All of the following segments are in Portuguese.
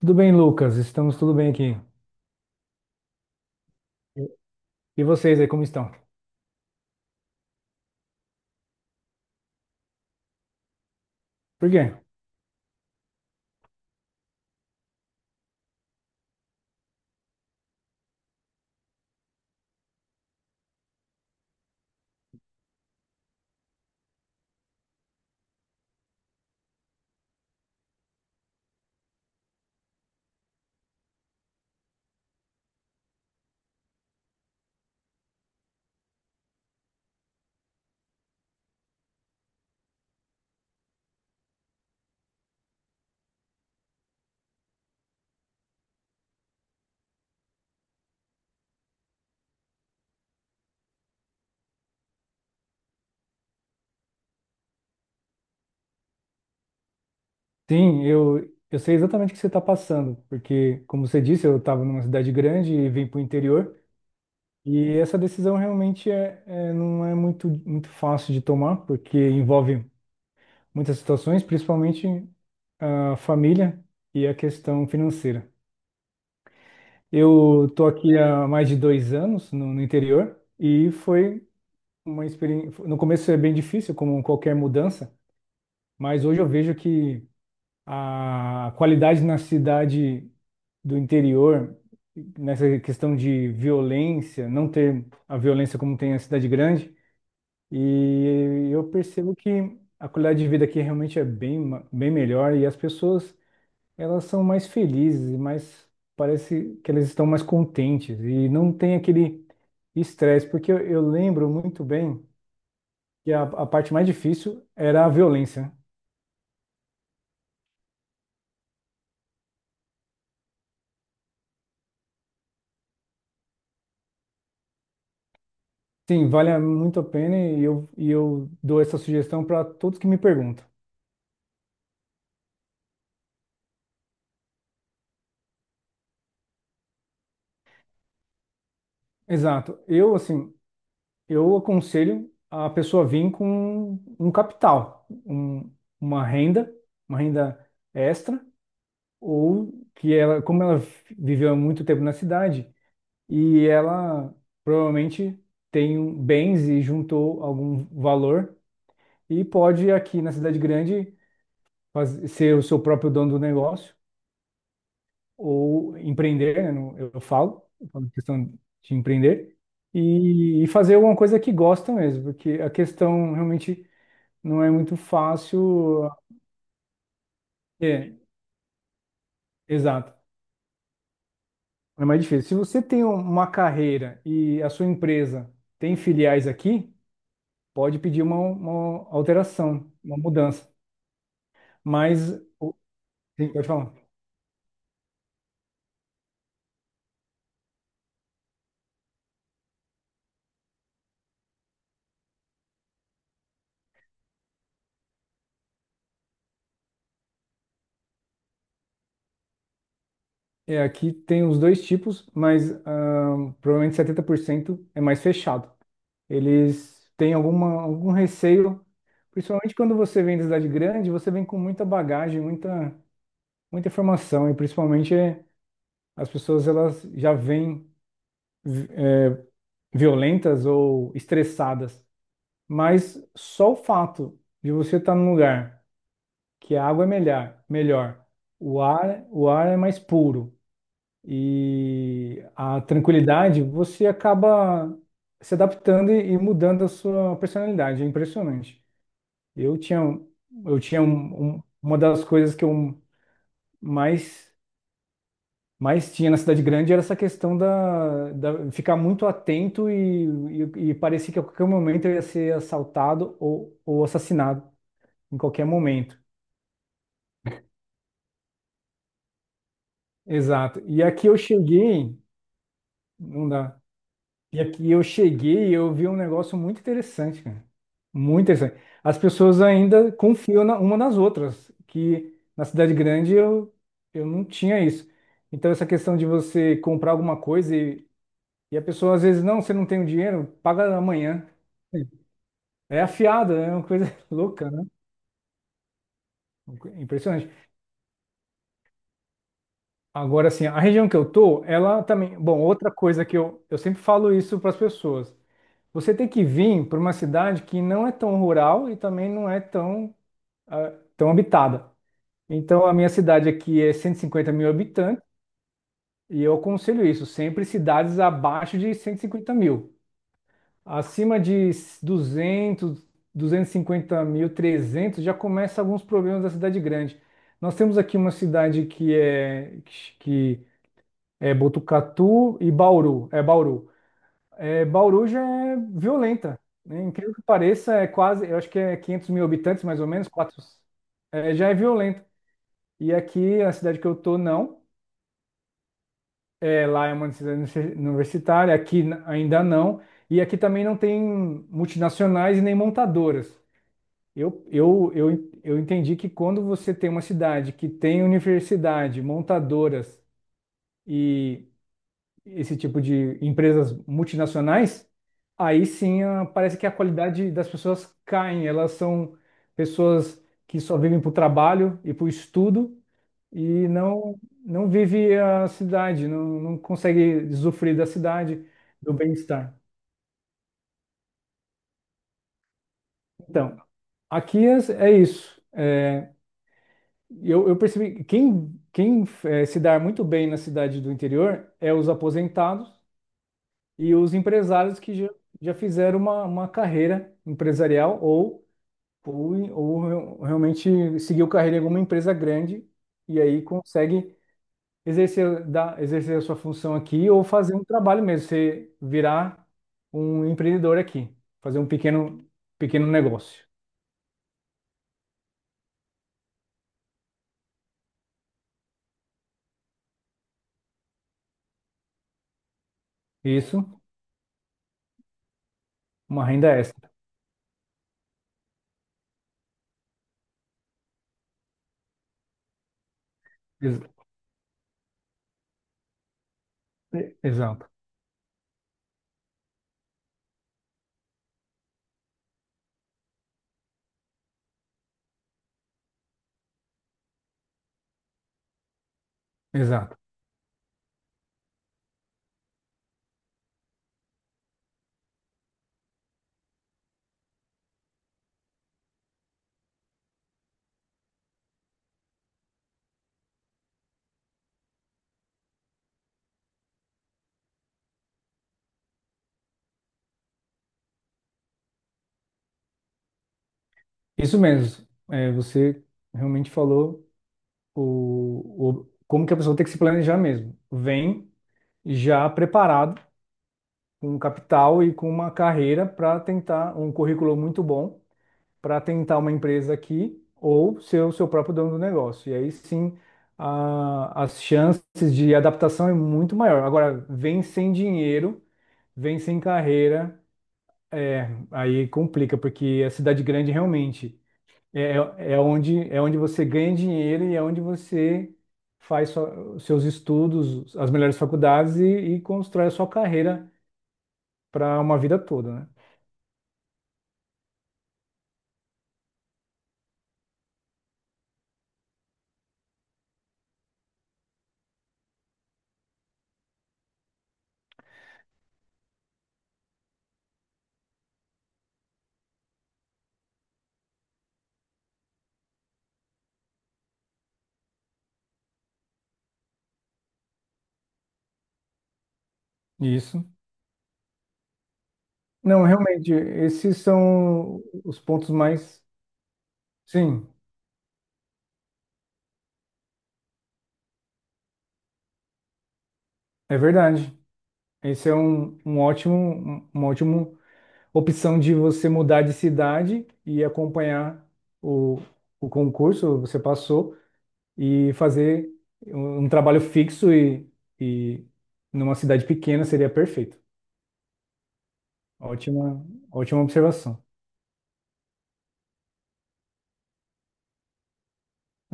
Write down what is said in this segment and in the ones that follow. Tudo bem, Lucas? Estamos tudo bem aqui. E vocês aí, como estão? Por quê? Sim, eu sei exatamente o que você está passando, porque, como você disse, eu estava numa cidade grande e vim para o interior, e essa decisão realmente não é muito, muito fácil de tomar, porque envolve muitas situações, principalmente a família e a questão financeira. Eu tô aqui há mais de 2 anos no interior e foi uma experiência. No começo é bem difícil, como qualquer mudança. Mas hoje eu vejo que a qualidade na cidade do interior, nessa questão de violência, não ter a violência como tem a cidade grande, e eu percebo que a qualidade de vida aqui realmente é bem melhor e as pessoas, elas são mais felizes, mais parece que elas estão mais contentes e não tem aquele estresse, porque eu lembro muito bem que a parte mais difícil era a violência, né? Sim, vale muito a pena e e eu dou essa sugestão para todos que me perguntam. Exato. Eu, assim, eu aconselho a pessoa vir com um capital, uma renda, uma renda extra, ou que ela, como ela viveu há muito tempo na cidade, e ela provavelmente tem bens e juntou algum valor e pode aqui na cidade grande ser o seu próprio dono do negócio ou empreender, né? Eu falo questão de empreender e fazer alguma coisa que gosta mesmo, porque a questão realmente não é muito fácil. É, exato. É mais difícil. Se você tem um, uma carreira e a sua empresa tem filiais aqui, pode pedir uma, alteração, uma mudança. Mas, sim, pode falar. É, aqui tem os dois tipos, mas provavelmente 70% é mais fechado. Eles têm alguma, algum receio, principalmente quando você vem da cidade grande, você vem com muita bagagem, muita informação, e principalmente as pessoas elas já vêm vi- violentas ou estressadas. Mas só o fato de você estar num lugar que a água é melhor, melhor, o ar é mais puro e a tranquilidade, você acaba se adaptando e mudando a sua personalidade. É impressionante. Eu tinha, um, eu tinha um- um- uma das coisas que eu mais, mais tinha na cidade grande era essa questão da ficar muito atento e, e parecia que a qualquer momento eu ia ser assaltado ou assassinado, em qualquer momento. Exato. E aqui eu cheguei, não dá. E aqui eu cheguei e eu vi um negócio muito interessante, cara. Muito interessante. As pessoas ainda confiam uma nas outras, que na cidade grande eu não tinha isso. Então, essa questão de você comprar alguma coisa e a pessoa às vezes, não, você não tem o dinheiro, paga amanhã. É afiado, é uma coisa louca, né? Impressionante. Agora, assim, a região que eu tô, ela também. Bom, outra coisa que eu sempre falo isso para as pessoas. Você tem que vir para uma cidade que não é tão rural e também não é tão, ah, tão habitada. Então, a minha cidade aqui é 150 mil habitantes e eu aconselho isso, sempre cidades abaixo de 150 mil. Acima de duzentos duzentos e cinquenta mil, 300 já começa alguns problemas da cidade grande. Nós temos aqui uma cidade que é Botucatu e Bauru. É Bauru. É, Bauru já é violenta, né? Incrível que pareça, é quase, eu acho que é 500 mil habitantes, mais ou menos, quatro, é, já é violenta. E aqui, a cidade que eu tô, não. É, lá é uma cidade universitária, aqui ainda não. E aqui também não tem multinacionais e nem montadoras. Eu entendi que quando você tem uma cidade que tem universidade, montadoras e esse tipo de empresas multinacionais, aí sim parece que a qualidade das pessoas cai. Elas são pessoas que só vivem para o trabalho e para o estudo e não, não vive a cidade, não, não consegue usufruir da cidade, do bem-estar. Então, aqui é, é isso. É, eu percebi que quem, quem se dá muito bem na cidade do interior é os aposentados e os empresários que já fizeram uma, carreira empresarial ou, ou realmente seguiu carreira em alguma empresa grande e aí consegue exercer a sua função aqui ou fazer um trabalho mesmo, você virar um empreendedor aqui, fazer um pequeno negócio. Isso, uma renda extra. Ex- Exato, exato. Isso mesmo. É, você realmente falou como que a pessoa tem que se planejar mesmo. Vem já preparado, com um capital e com uma carreira para tentar um currículo muito bom para tentar uma empresa aqui ou ser o seu próprio dono do negócio. E aí sim, as chances de adaptação é muito maior. Agora, vem sem dinheiro, vem sem carreira, é, aí complica, porque a cidade grande realmente é onde, é onde você ganha dinheiro e é onde você faz os seus estudos, as melhores faculdades e constrói a sua carreira para uma vida toda, né? Isso. Não, realmente, esses são os pontos mais. Sim, é verdade. Esse é um ótimo, uma ótima opção de você mudar de cidade e acompanhar o, o concurso, você passou, e fazer um trabalho fixo e, e numa cidade pequena seria perfeito. Ótima, ótima observação.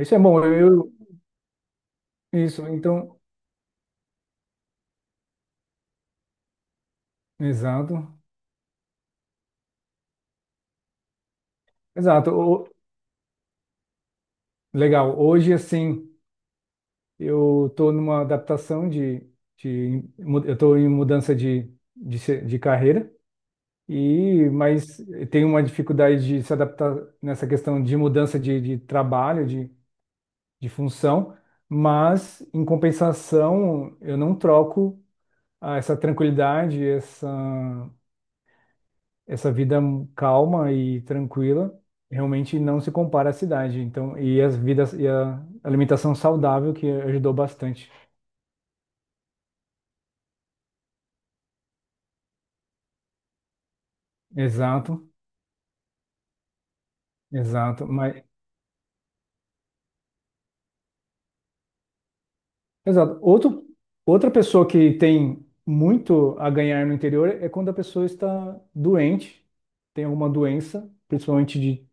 Isso é bom. Eu, isso, então, exato. Exato. Legal. Hoje, assim, eu estou numa adaptação de eu estou em mudança de de carreira e mas tenho uma dificuldade de se adaptar nessa questão de mudança de trabalho, de função, mas em compensação eu não troco essa tranquilidade, essa vida calma e tranquila. Realmente não se compara à cidade, então, e as vidas e a alimentação saudável que ajudou bastante. Exato, exato. Mas, exato. Outro, outra pessoa que tem muito a ganhar no interior é quando a pessoa está doente, tem alguma doença, principalmente de,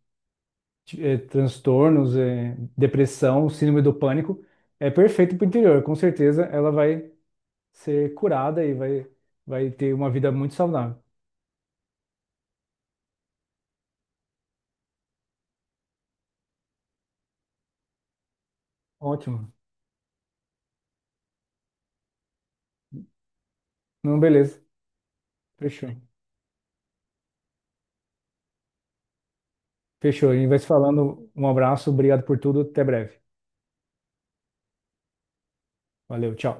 de, eh, transtornos, depressão, síndrome do pânico. É perfeito para o interior, com certeza ela vai ser curada e vai ter uma vida muito saudável. Ótimo. Não, beleza. Fechou. Fechou. A gente vai se falando. Um abraço, obrigado por tudo. Até breve. Valeu, tchau.